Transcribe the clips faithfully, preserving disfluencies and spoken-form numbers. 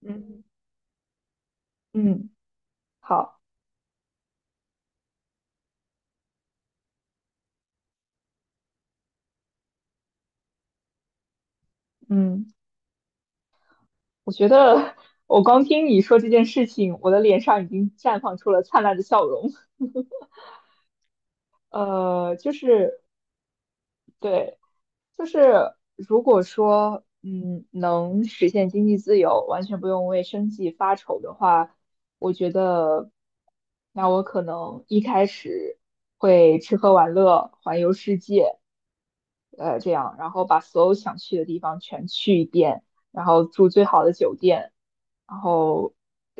嗯嗯，好，嗯，我觉得我光听你说这件事情，我的脸上已经绽放出了灿烂的笑容。呃，就是对，就是如果说，嗯，能实现经济自由，完全不用为生计发愁的话，我觉得，那我可能一开始会吃喝玩乐，环游世界，呃，这样，然后把所有想去的地方全去一遍，然后住最好的酒店，然后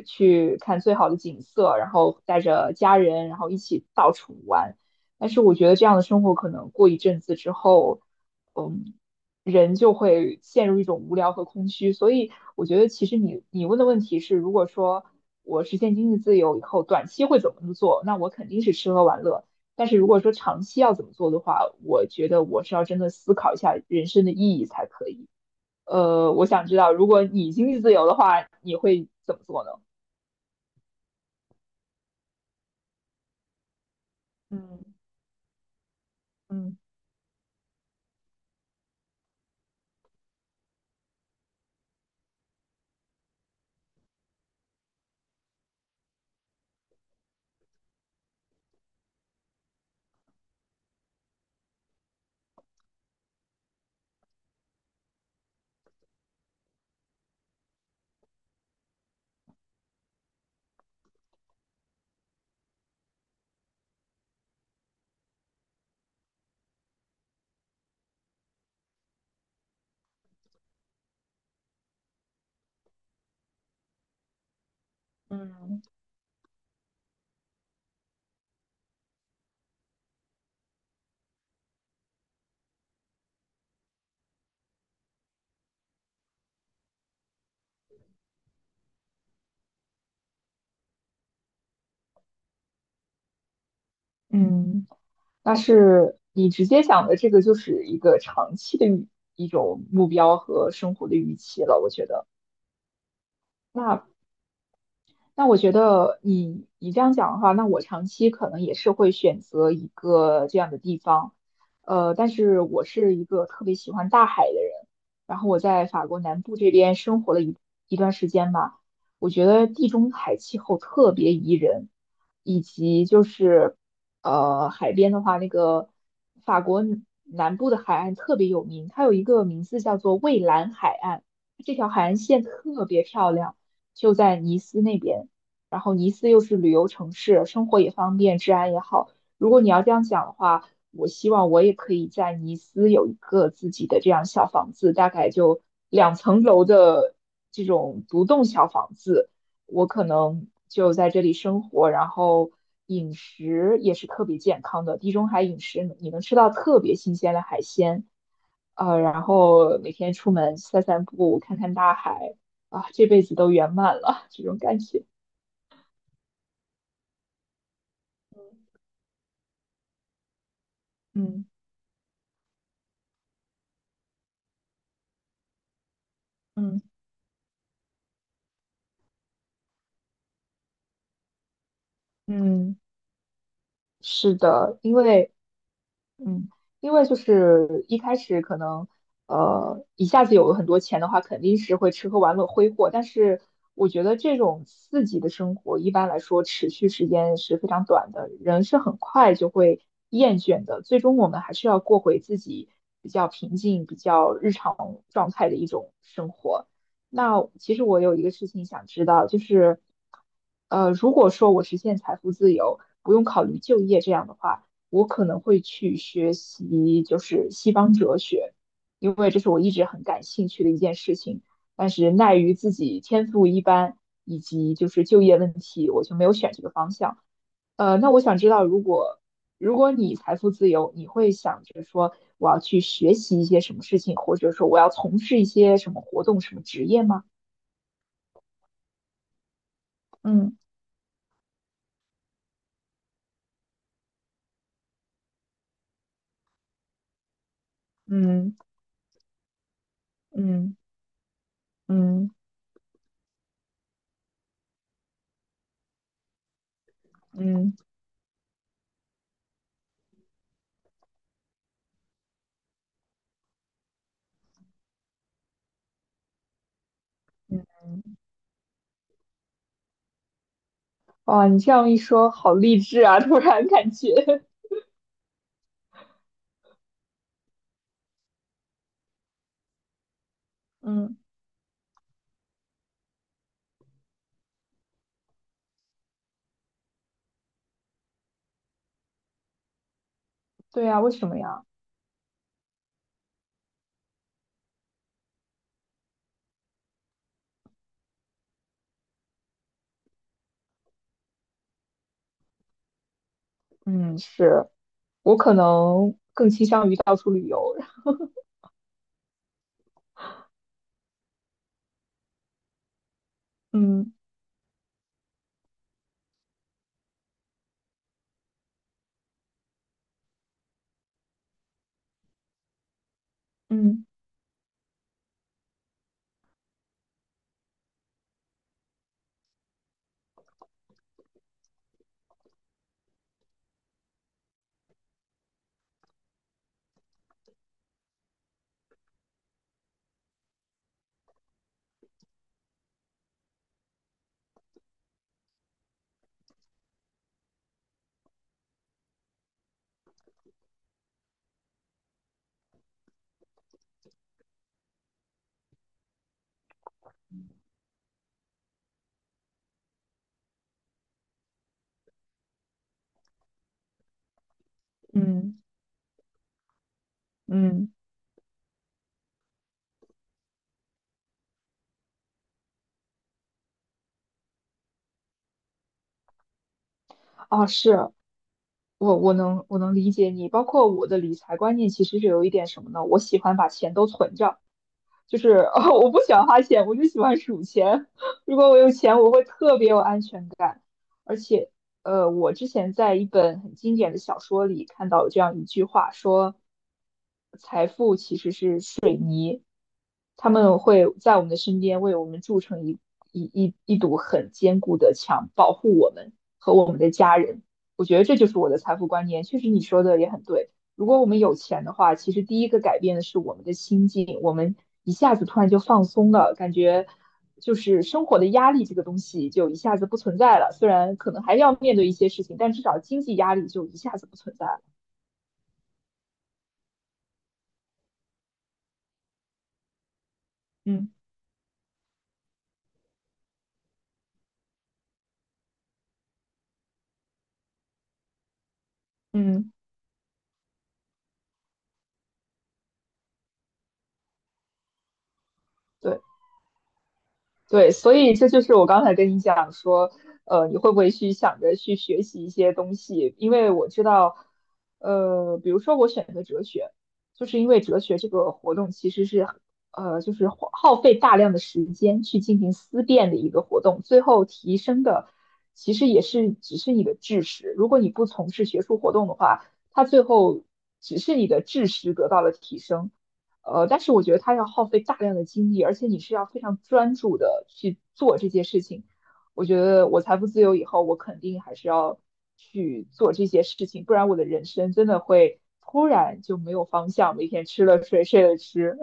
去看最好的景色，然后带着家人，然后一起到处玩。但是我觉得这样的生活可能过一阵子之后。嗯，人就会陷入一种无聊和空虚。所以我觉得，其实你你问的问题是，如果说我实现经济自由以后，短期会怎么做？那我肯定是吃喝玩乐。但是如果说长期要怎么做的话，我觉得我是要真的思考一下人生的意义才可以。呃，我想知道，如果你经济自由的话，你会怎么做呢？嗯嗯嗯嗯。嗯但是你直接想的这个就是一个长期的预一种目标和生活的预期了，我觉得。那那我觉得你你这样讲的话，那我长期可能也是会选择一个这样的地方，呃，但是我是一个特别喜欢大海的人，然后我在法国南部这边生活了一一段时间吧，我觉得地中海气候特别宜人，以及就是呃海边的话，那个法国南部的海岸特别有名，它有一个名字叫做蔚蓝海岸，这条海岸线特别漂亮。就在尼斯那边。然后尼斯又是旅游城市，生活也方便，治安也好。如果你要这样讲的话，我希望我也可以在尼斯有一个自己的这样小房子，大概就两层楼的这种独栋小房子。我可能就在这里生活，然后饮食也是特别健康的，地中海饮食你能吃到特别新鲜的海鲜，呃，然后每天出门散散步，看看大海，啊，这辈子都圆满了，这种感觉，嗯。嗯嗯，是的，因为嗯，因为就是一开始可能，呃，一下子有了很多钱的话，肯定是会吃喝玩乐挥霍。但是我觉得这种刺激的生活，一般来说持续时间是非常短的，人是很快就会厌倦的。最终我们还是要过回自己比较平静、比较日常状态的一种生活。那其实我有一个事情想知道，就是，呃，如果说我实现财富自由，不用考虑就业这样的话。我可能会去学习就是西方哲学，因为这是我一直很感兴趣的一件事情。但是奈于自己天赋一般，以及就是就业问题，我就没有选这个方向。呃，那我想知道，如果如果你财富自由，你会想着说我要去学习一些什么事情，或者说我要从事一些什么活动、什么职业吗？嗯嗯嗯嗯嗯嗯，哇，你这样一说，好励志啊！突然感觉，嗯。对呀，为什么呀？嗯，是我可能更倾向于到处旅游。嗯嗯嗯嗯，啊，是我我能我能理解你，包括我的理财观念其实是有一点什么呢？我喜欢把钱都存着，就是 哦，我不喜欢花钱，我就喜欢数钱。如果我有钱，我会特别有安全感。而且，呃，我之前在一本很经典的小说里看到有这样一句话，说财富其实是。他们会在我们的身边为我们筑成一一一一堵很坚固的墙，保护我们和我们的家人。我觉得这就是我的财富观念。确实，你说的也很对。如果我们有钱的话，其实第一个改变的是我们的心境，我们一下子突然就放松了，感觉就是生活的压力这个东西就一下子不存在了。虽然可能还要面对一些事情，但至少经济压力就一下子不存在了。嗯嗯，对。对，所以这就是我刚才跟你讲说，呃，你会不会去想着去学习一些东西？因为我知道，呃，比如说我选择哲学，就是因为哲学这个活动其实是，呃，就是花耗费大量的时间去进行思辨的一个活动，最后提升的其实也是只是你的知识。如果你不从事学术活动的话，它最后只是你的知识得到了提升。呃，但是我觉得它要耗费大量的精力，而且你是要非常专注的去做这些事情。我觉得我财富自由以后，我肯定还是要去做这些事情，不然我的人生真的会突然就没有方向，每天吃了睡，睡了吃，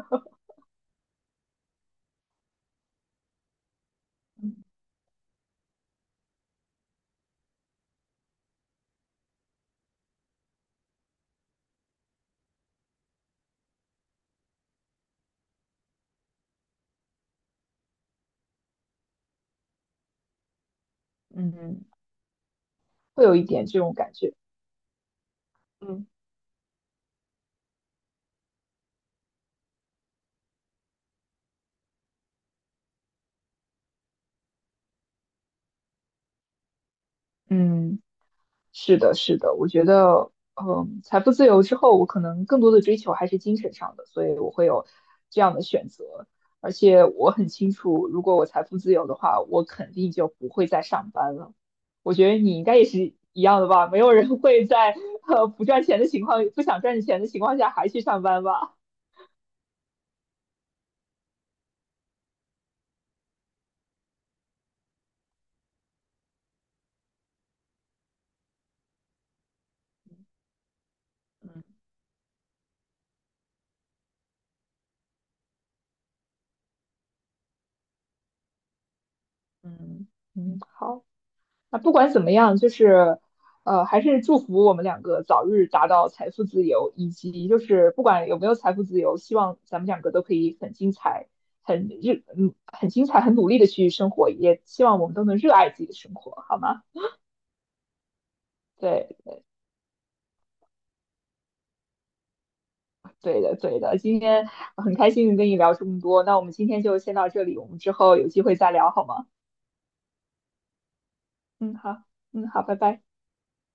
嗯会有一点这种感觉。嗯。嗯。是的，是的，我觉得，嗯，财富自由之后，我可能更多的追求还是精神上的，所以我会有这样的选择。而且我很清楚，如果我财富自由的话，我肯定就不会再上班了。我觉得你应该也是一样的吧？没有人会在呃不赚钱的情况、不想赚钱的情况下还去上班吧？嗯嗯。嗯，好。那不管怎么样，就是，呃，还是祝福我们两个早日达到财富自由，以及就是不管有没有财富自由，希望咱们两个都可以很精彩，很热，嗯，很精彩，很努力的去生活，也希望我们都能热爱自己的生活，好吗？对，对的，对的。今天很开心跟你聊这么多，那我们今天就先到这里，我们之后有机会再聊好吗？嗯，好，嗯，好，拜拜。